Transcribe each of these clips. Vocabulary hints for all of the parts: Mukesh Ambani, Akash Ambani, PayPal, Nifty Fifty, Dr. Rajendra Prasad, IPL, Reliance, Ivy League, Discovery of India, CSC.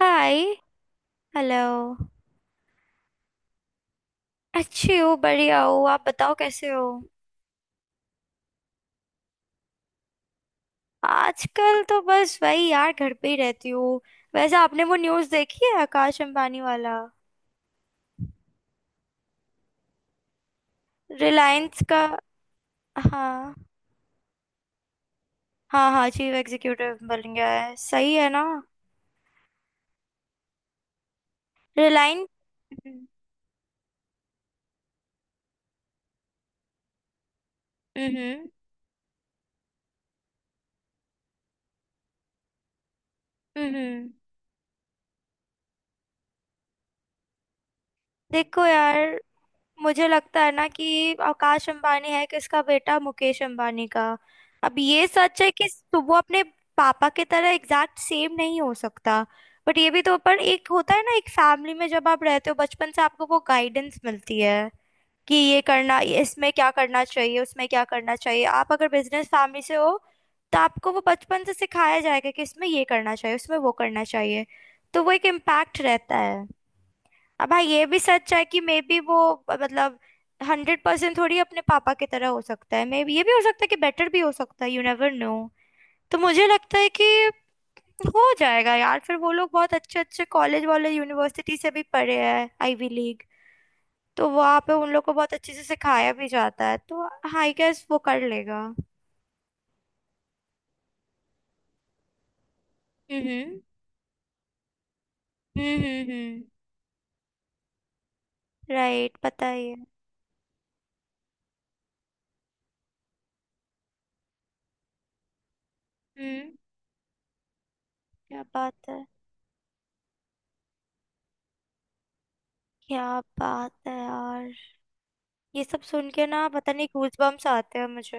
हाय। Hello. अच्छी हो, बढ़िया हो। आप बताओ, कैसे हो? आजकल तो बस वही यार, घर पे ही रहती हूँ। वैसे आपने वो न्यूज़ देखी है, आकाश अंबानी वाला? रिलायंस का? हाँ हाँ, हाँ, चीफ एग्जीक्यूटिव बन गया है, सही है ना? रिलायंस। हम्म। हम्म। हम्म। देखो यार, मुझे लगता है ना कि आकाश अंबानी है किसका बेटा? मुकेश अंबानी का। अब ये सच है कि तो वो अपने पापा की तरह एग्जैक्ट सेम नहीं हो सकता। बट ये भी तो पर एक होता है ना, एक फैमिली में जब आप रहते हो बचपन से आपको वो गाइडेंस मिलती है कि ये करना, इसमें क्या करना चाहिए, उसमें क्या करना चाहिए। आप अगर बिजनेस फैमिली से हो तो आपको वो बचपन से सिखाया जाएगा कि इसमें ये करना चाहिए, उसमें वो करना चाहिए। तो वो एक इम्पैक्ट रहता है। अब हाँ, ये भी सच है कि मे बी वो मतलब 100% थोड़ी अपने पापा की तरह हो सकता है, मे बी ये भी हो सकता है कि बेटर भी हो सकता है, यू नेवर नो। तो मुझे लगता है कि हो जाएगा यार, फिर वो लोग बहुत अच्छे अच्छे कॉलेज वाले यूनिवर्सिटी से भी पढ़े हैं, आईवी लीग। तो वहाँ पे उन लोग को बहुत अच्छे से सिखाया भी जाता है तो। हाँ, आई गेस वो कर लेगा। हम्म। हम्म। हम्म, राइट, पता ही है। हम्म। क्या बात है? क्या बात है यार, ये सब सुन के ना पता नहीं गूज बम्स आते हैं मुझे।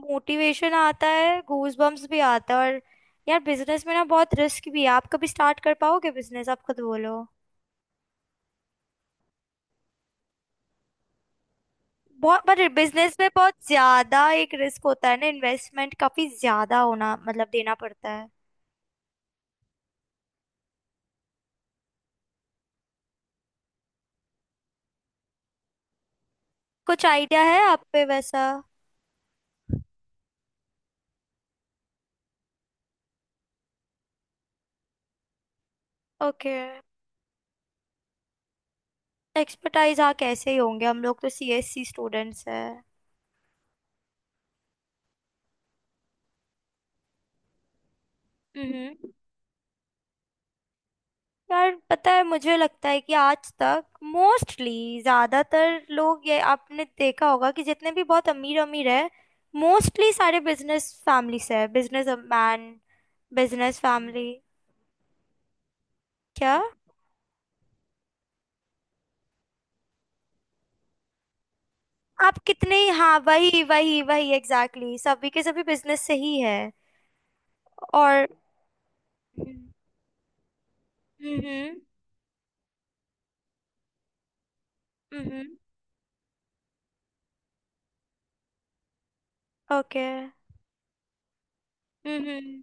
मोटिवेशन आता है, गूज बम्स भी आता है। और यार, बिजनेस में ना बहुत रिस्क भी है। आप कभी स्टार्ट कर पाओगे बिजनेस? आप खुद बोलो। बहुत, पर बिजनेस में बहुत ज्यादा एक रिस्क होता है ना, इन्वेस्टमेंट काफी ज्यादा होना मतलब देना पड़ता है। कुछ आइडिया है आप पे वैसा? ओके। एक्सपर्टाइज? हाँ, कैसे ही होंगे, हम लोग तो सीएससी स्टूडेंट्स हैं। हम्म यार पता है, मुझे लगता है कि आज तक मोस्टली ज्यादातर लोग, ये आपने देखा होगा कि जितने भी बहुत अमीर अमीर है मोस्टली सारे बिजनेस फैमिली से है, बिजनेस मैन। Business family. क्या? आप कितने... हाँ, वही वही वही, एग्जैक्टली exactly. सभी के सभी बिजनेस से ही है। और हम्म। हम्म। हम्म, ओके। हम्म।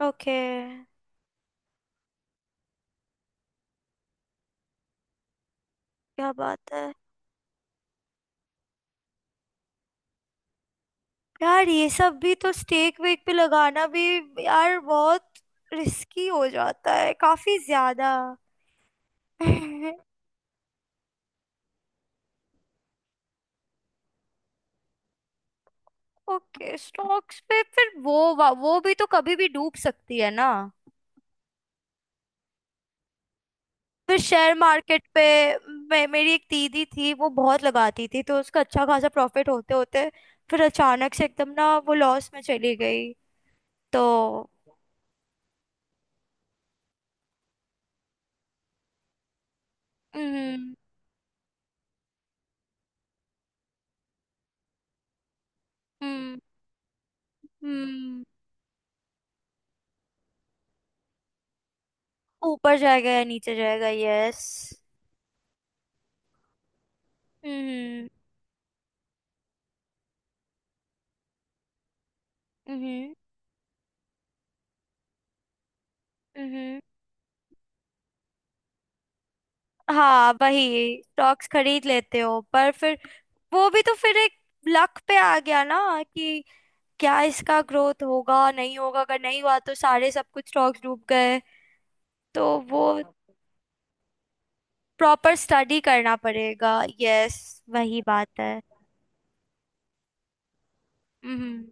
ओके। क्या बात है? यार, ये सब भी तो स्टेक वेक पे लगाना भी यार बहुत रिस्की हो जाता है, काफी ज्यादा। ओके, स्टॉक्स पे फिर वो वो भी तो कभी भी डूब सकती है ना? फिर शेयर मार्केट पे। मेरी एक दीदी थी, वो बहुत लगाती थी तो उसका अच्छा खासा प्रॉफिट होते होते फिर अचानक से एकदम ना वो लॉस में चली गई। तो हम्म। हम्म। हम्म। ऊपर जाएगा या नीचे जाएगा, यस। हम्म। हम्म। हम्म। हम्म। हाँ, वही स्टॉक्स खरीद लेते हो पर फिर वो भी तो फिर एक लक पे आ गया ना, कि क्या इसका ग्रोथ होगा नहीं होगा? अगर नहीं हुआ तो सारे सब कुछ स्टॉक्स डूब गए। तो वो प्रॉपर स्टडी करना पड़ेगा, यस, वही बात है। हम्म।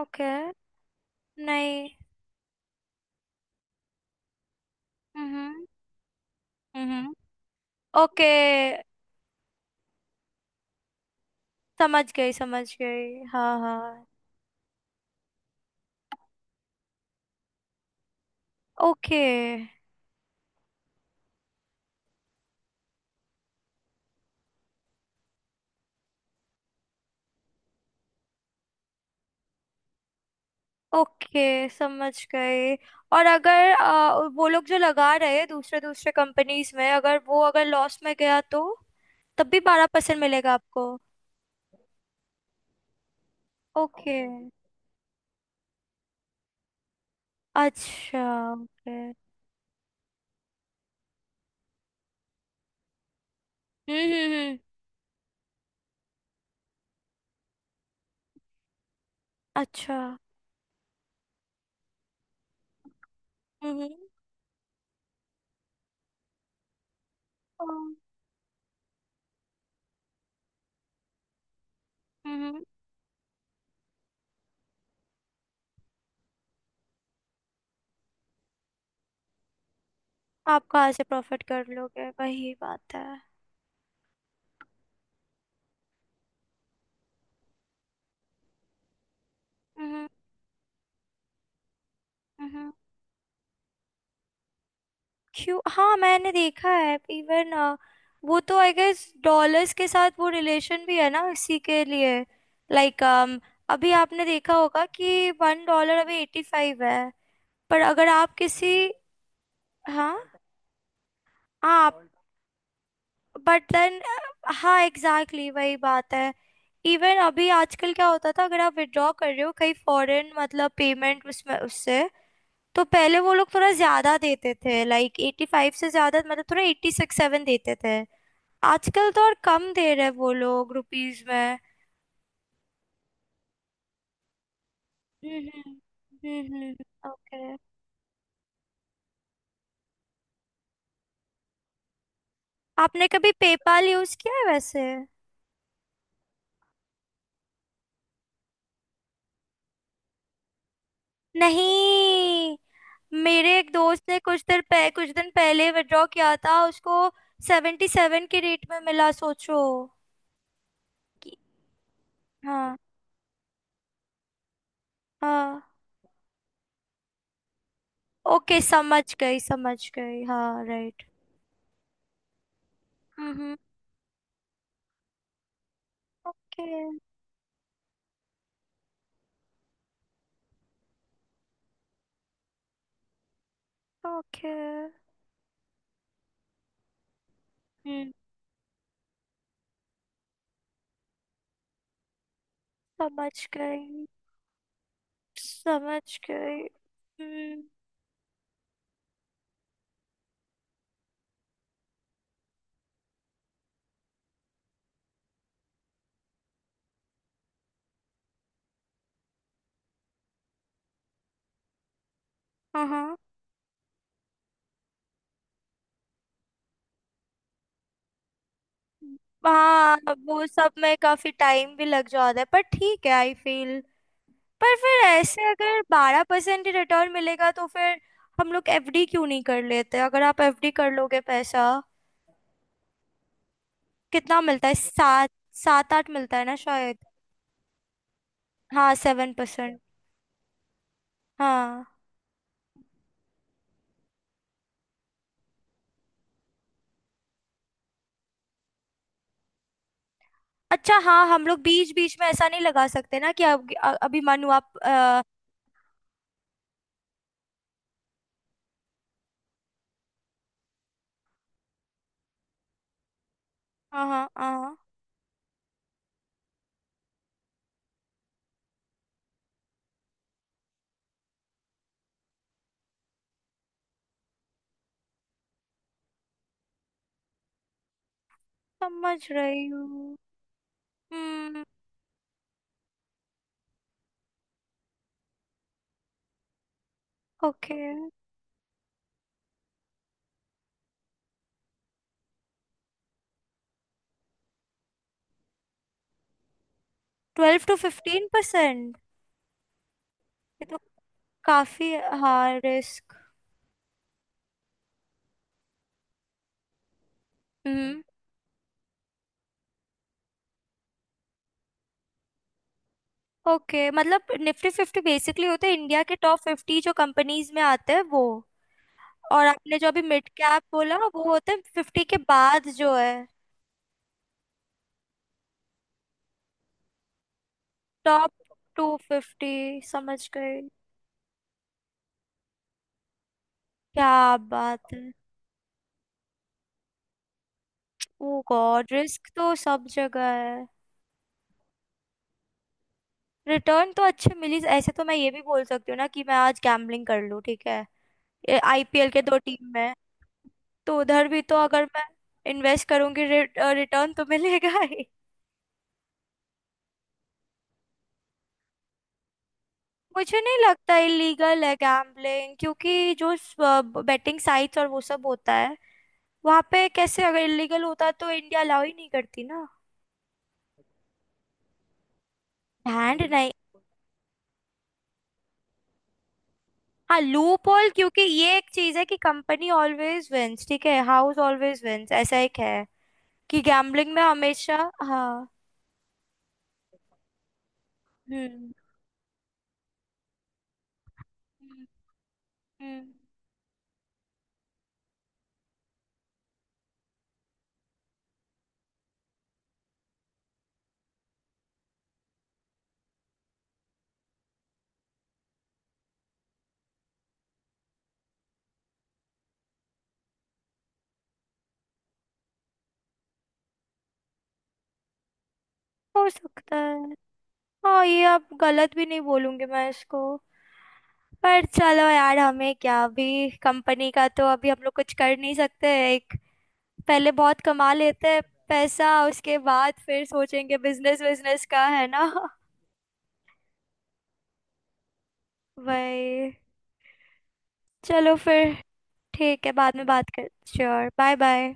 ओके। नहीं। हम्म। हम्म। ओके, समझ गई समझ गई, हाँ हाँ। ओके। ओके, समझ गए। और अगर वो लोग जो लगा रहे हैं दूसरे दूसरे कंपनीज में, अगर वो अगर लॉस में गया तो तब भी 12% मिलेगा आपको? ओके। अच्छा। ओके। हम्म। हम्म। अच्छा। हम्म। हम्म। हम्म। आप कहाँ से प्रॉफिट कर लोगे, वही बात है। हम्म। हम्म। क्यों? हाँ, मैंने देखा है इवन। वो तो आई गेस डॉलर्स के साथ वो रिलेशन भी है ना इसी के लिए। लाइक अभी आपने देखा होगा कि $1 अभी 85 है। पर अगर आप किसी... हाँ। आप... बट देन... हाँ, एग्जैक्टली exactly, वही बात है। इवन अभी आजकल क्या होता था, अगर आप विड्रॉ कर रहे हो कहीं फॉरेन मतलब पेमेंट उसमें उससे, तो पहले वो लोग थोड़ा ज्यादा देते थे, लाइक 85 से ज्यादा, मतलब थोड़ा एट्टी सिक्स सेवन देते थे। आजकल तो और कम दे रहे वो लोग रुपीज में। हम्म। हम्म। ओके। आपने कभी पेपाल यूज किया है वैसे? नहीं, मेरे एक दोस्त ने कुछ दिन पहले विड्रॉ किया था, उसको 77 के रेट में मिला, सोचो। कि- हाँ हाँ। ओके, समझ गई समझ गई, हाँ, right. Hmm. Okay. Okay. Hmm. समझ गई समझ गई, हम्म, हाँ हाँ हाँ। वो सब में काफी टाइम भी लग जाता है, पर ठीक है, आई फील। पर फिर ऐसे अगर 12% ही रिटर्न मिलेगा तो फिर हम लोग एफडी क्यों नहीं कर लेते? अगर आप एफडी कर लोगे पैसा, कितना मिलता है, सात? सात आठ मिलता है ना शायद। हाँ, 7%। हाँ। अच्छा, हाँ, हम लोग बीच बीच में ऐसा नहीं लगा सकते ना, कि अब अभी मानो आप हाँ हाँ हाँ, समझ रही हूँ। हम्म। ओके। 12 to 15%? काफी। हाँ, रिस्क। हम्म। ओके, मतलब निफ्टी फिफ्टी बेसिकली होते हैं इंडिया के टॉप 50 जो कंपनीज में आते हैं वो? और आपने जो अभी मिड कैप बोला वो होते हैं फिफ्टी के बाद जो है? टॉप 250, समझ गई। क्या बात है? ओ गॉड, रिस्क तो सब जगह है। रिटर्न तो अच्छे मिली, ऐसे तो मैं ये भी बोल सकती हूँ ना कि मैं आज गैम्बलिंग कर लूँ ठीक है, आईपीएल के दो टीम में। तो उधर भी तो अगर मैं इन्वेस्ट करूंगी रिटर्न तो मिलेगा ही। मुझे नहीं लगता इलीगल है गैम्बलिंग, क्योंकि जो बेटिंग साइट्स और वो सब होता है वहां पे कैसे? अगर इलीगल होता तो इंडिया अलाउ ही नहीं करती ना। बैंड नहीं। हाँ, लूप होल, क्योंकि ये एक चीज है कि कंपनी ऑलवेज विंस, ठीक है? हाउस ऑलवेज विंस ऐसा एक है, कि गैम्बलिंग में हमेशा। हाँ। हम्म। हम्म। हम्म, हो सकता है। हाँ, ये अब गलत भी नहीं बोलूंगी मैं इसको। पर चलो यार, हमें क्या, अभी कंपनी का तो अभी हम लोग कुछ कर नहीं सकते। एक, पहले बहुत कमा लेते हैं पैसा, उसके बाद फिर सोचेंगे बिजनेस, बिजनेस का है ना? वही। चलो फिर, ठीक है, बाद में बात कर। श्योर। Bye bye.